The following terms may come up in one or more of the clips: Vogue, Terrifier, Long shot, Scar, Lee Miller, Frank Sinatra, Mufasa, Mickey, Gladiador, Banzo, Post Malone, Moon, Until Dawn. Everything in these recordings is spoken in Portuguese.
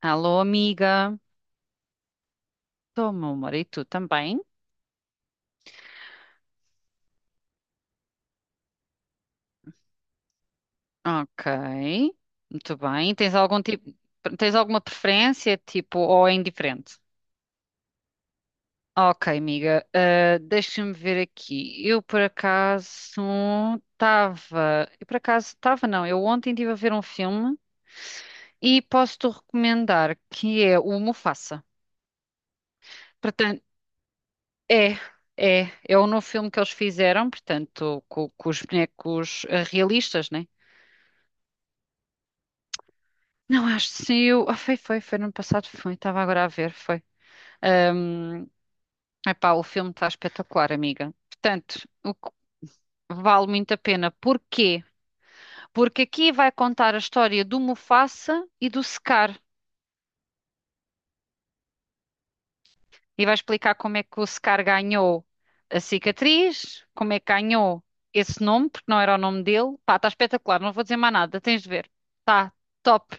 Alô, amiga. Estou, meu amor. E tu também? Ok. Muito bem. Tens algum tipo, tens alguma preferência, tipo, ou é indiferente? Ok, amiga. Deixa-me ver aqui. Eu, por acaso, estava... Eu, por acaso, estava, não. Eu ontem estive a ver um filme e posso-te recomendar, que é o Mufasa. Portanto, é... É, é o novo filme que eles fizeram, portanto, com os bonecos realistas, né? Não, acho que saiu. Ah, foi no ano passado, foi. Estava agora a ver, foi. Ahm, epá, o filme está espetacular, amiga. Portanto, o que vale muito a pena. Porquê? Porque aqui vai contar a história do Mufasa e do Scar. E vai explicar como é que o Scar ganhou a cicatriz, como é que ganhou esse nome, porque não era o nome dele. Pá, está espetacular, não vou dizer mais nada, tens de ver. Está top.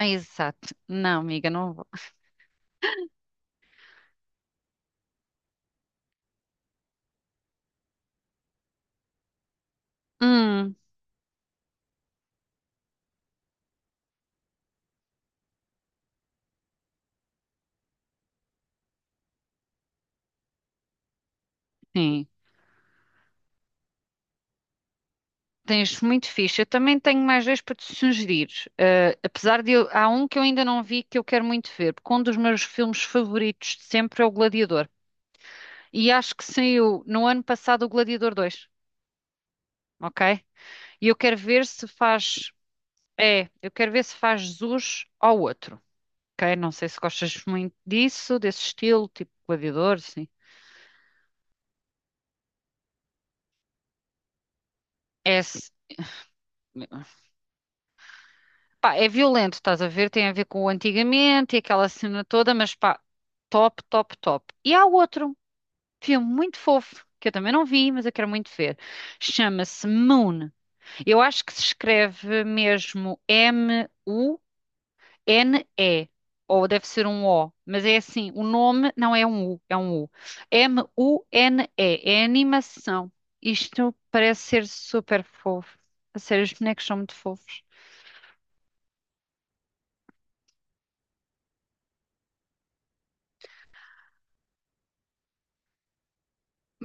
Exato. Não, amiga, não vou. Hum, sim. Tens muito fixe. Eu também tenho mais dois para te sugerir. Apesar de eu, há um que eu ainda não vi que eu quero muito ver, porque um dos meus filmes favoritos de sempre é O Gladiador. E acho que saiu no ano passado o Gladiador 2, ok? E eu quero ver se faz, é, eu quero ver se faz jus ao outro, ok? Não sei se gostas muito disso, desse estilo, tipo Gladiador, sim. É, se- pá, é violento, estás a ver? Tem a ver com o antigamente e aquela cena toda, mas pá, top, top, top. E há outro. Filme muito fofo, que eu também não vi, mas eu quero muito ver. Chama-se Moon. Eu acho que se escreve mesmo M-U-N-E. Ou deve ser um O, mas é assim, o nome não é um U, é um U. M-U-N-E, é animação. Isto parece ser super fofo. A sério, os bonecos são muito fofos.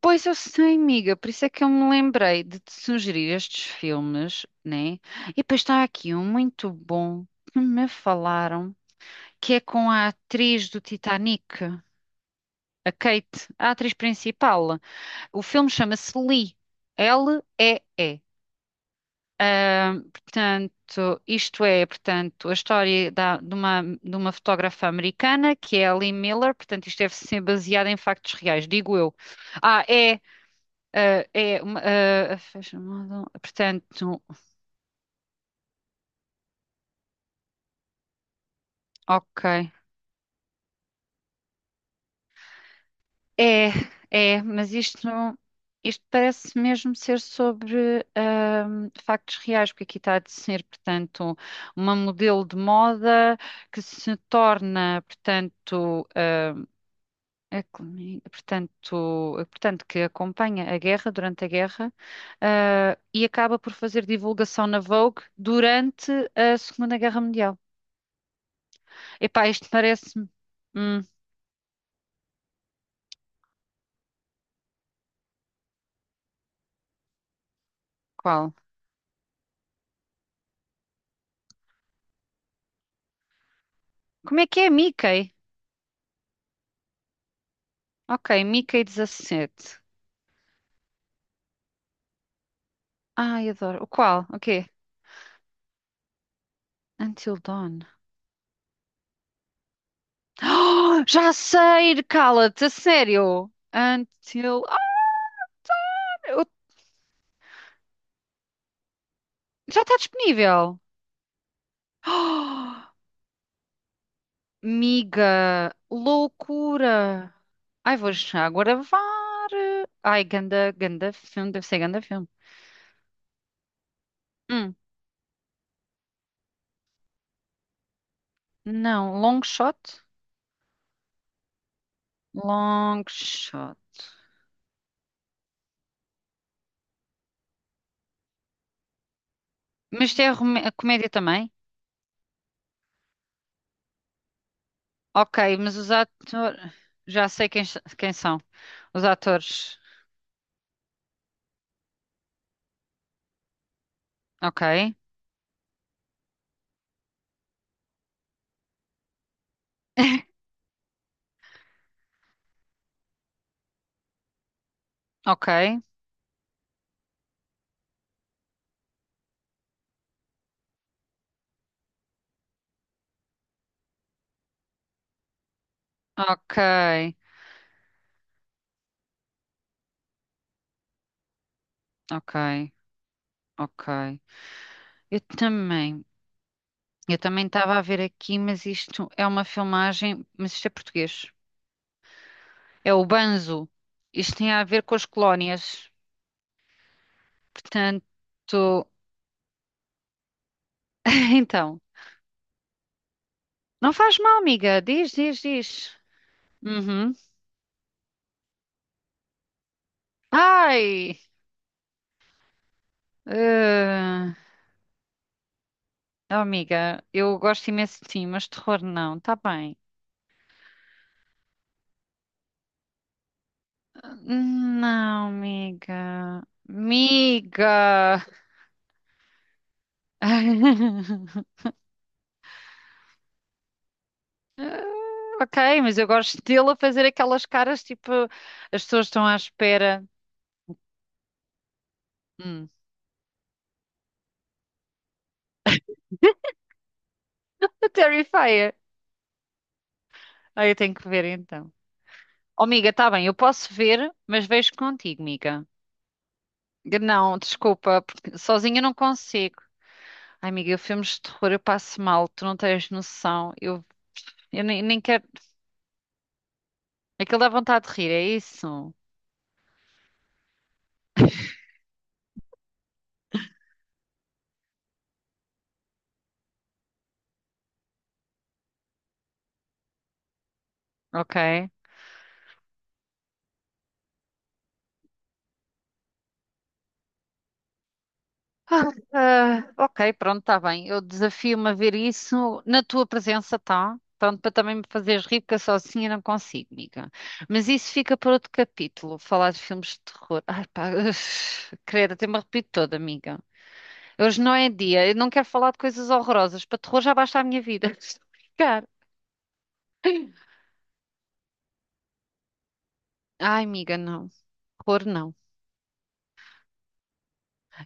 Pois eu sei, amiga, por isso é que eu me lembrei de te sugerir estes filmes, né? E depois está aqui um muito bom que me falaram, que é com a atriz do Titanic, a Kate, a atriz principal. O filme chama-se Lee, L-E-E. Portanto, isto é, portanto, a história da- de uma fotógrafa americana que é a Lee Miller, portanto, isto deve ser baseado em factos reais, digo eu. Ah, é, ah, é, uma- ah, fashion model, portanto, ok. É, é, mas isto, não- isto parece mesmo ser sobre factos reais, porque aqui está a ser, portanto, uma modelo de moda que se torna, portanto, a cloni- portanto, portanto, que acompanha a guerra, durante a guerra, e acaba por fazer divulgação na Vogue durante a Segunda Guerra Mundial. Epá, isto parece-me... Hum, qual? Como é que é Mickey? Ok, Mickey 17. Ai, adoro. O qual? O quê? Until Dawn. Oh, já sei! Cala-te, a sério! Until. Ah, eu- já está disponível! Oh, miga! Loucura! Ai, vou já gravar! Ai, ganda, ganda filme, deve ser ganda filme. Hum, não, long shot? Long shot. Mas tem a, rome- a comédia também? Ok, mas os atores. Já sei quem, quem são. Os atores. Ok. Ok, ok, ok, ok. Eu também, eu também estava a ver aqui, mas isto é uma filmagem, mas isto é português. É o Banzo. Isto tem a ver com as colónias. Portanto, então, não faz mal, amiga. Diz, diz, diz. Uhum. Ai, eh, oh, amiga, eu gosto imenso de ti, mas terror não, tá bem. Não, amiga. Amiga. Ah, ok, mas eu gosto dele a fazer aquelas caras tipo, as pessoas estão à espera. Hum, a Terrifier. Ah, eu tenho que ver então. Oh, amiga, tá bem, eu posso ver, mas vejo contigo, amiga. Não, desculpa, porque sozinha eu não consigo. Ai, amiga, eu filmes de terror, eu passo mal, tu não tens noção. Eu nem, nem quero. Aquilo dá vontade de rir, é isso? Ok. Ah, ah, ok, pronto, está bem. Eu desafio-me a ver isso na tua presença, tá? Pronto, para também me fazeres rir, porque eu sozinha não consigo, amiga. Mas isso fica para outro capítulo, falar de filmes de terror. Ai, pá, uf, credo, até me arrepio toda, amiga. Hoje não é dia, eu não quero falar de coisas horrorosas. Para terror já basta a minha vida. Estou a brincar. Ai, amiga, não. Terror não.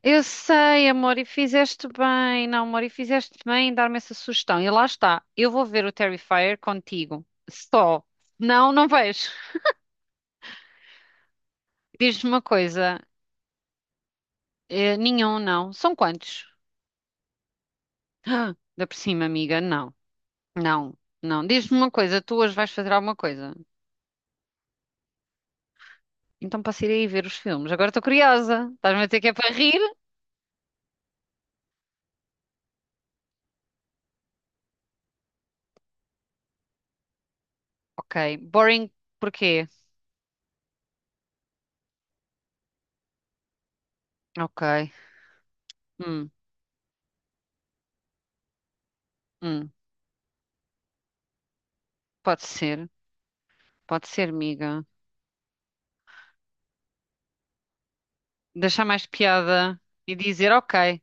Eu sei, amor, e fizeste bem. Não, amor, e fizeste bem em dar-me essa sugestão. E lá está, eu vou ver o Terrifier contigo. Só. Não, não vejo. Diz-me uma coisa. Nenhum, não. São quantos? Ah, da por cima, amiga. Não, não. Diz-me uma coisa, tu hoje vais fazer alguma coisa. Então posso ir aí ver os filmes. Agora estou curiosa. Estás-me a dizer que é para rir? Ok. Boring, porquê? Ok. Hum, hum. Pode ser. Pode ser, amiga, deixar mais piada e dizer, ok.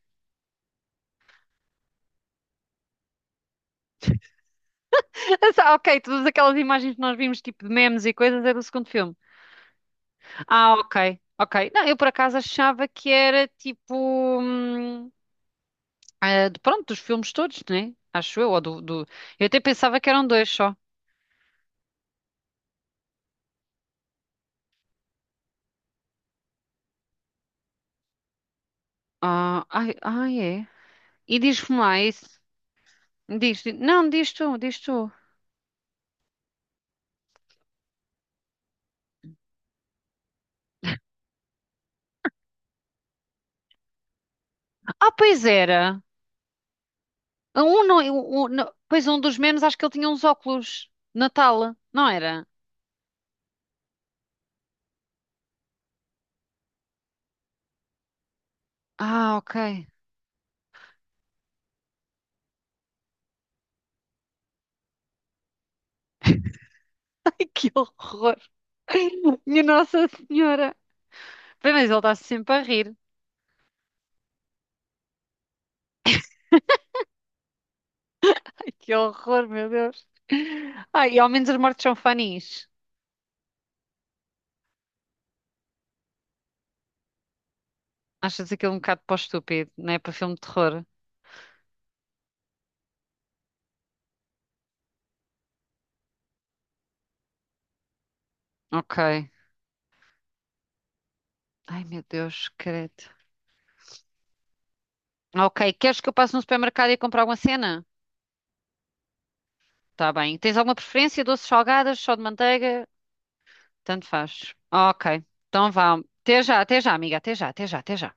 Ah, ok, todas aquelas imagens que nós vimos, tipo de memes e coisas, é do segundo filme. Ah, ok, ok. Não, eu por acaso achava que era tipo. Hum, de- pronto, dos filmes todos, né? Acho eu, ou do, do- Eu até pensava que eram dois só. Ah, ai, ai, é. E diz-me lá isso. Diz, di- não, diz tu, diz tu. Ah, pois era. Um, não, o- não- pois um dos memes, acho que ele tinha uns óculos. Natal, não era? Ah, ok. Que horror! Minha Nossa Senhora! Bem, mas ele está-se sempre a rir. Ai, que horror, meu Deus! Ai, e ao menos as mortes são funnies. Achas aquilo um bocado para o estúpido, não é? Para filme de terror. Ok. Ai, meu Deus, credo. Ok, queres que eu passe no supermercado e compre alguma cena? Tá bem. Tens alguma preferência? Doces salgadas, só de manteiga? Tanto faz. Ok, então vá. Até já, amiga. Até já, até já, até já.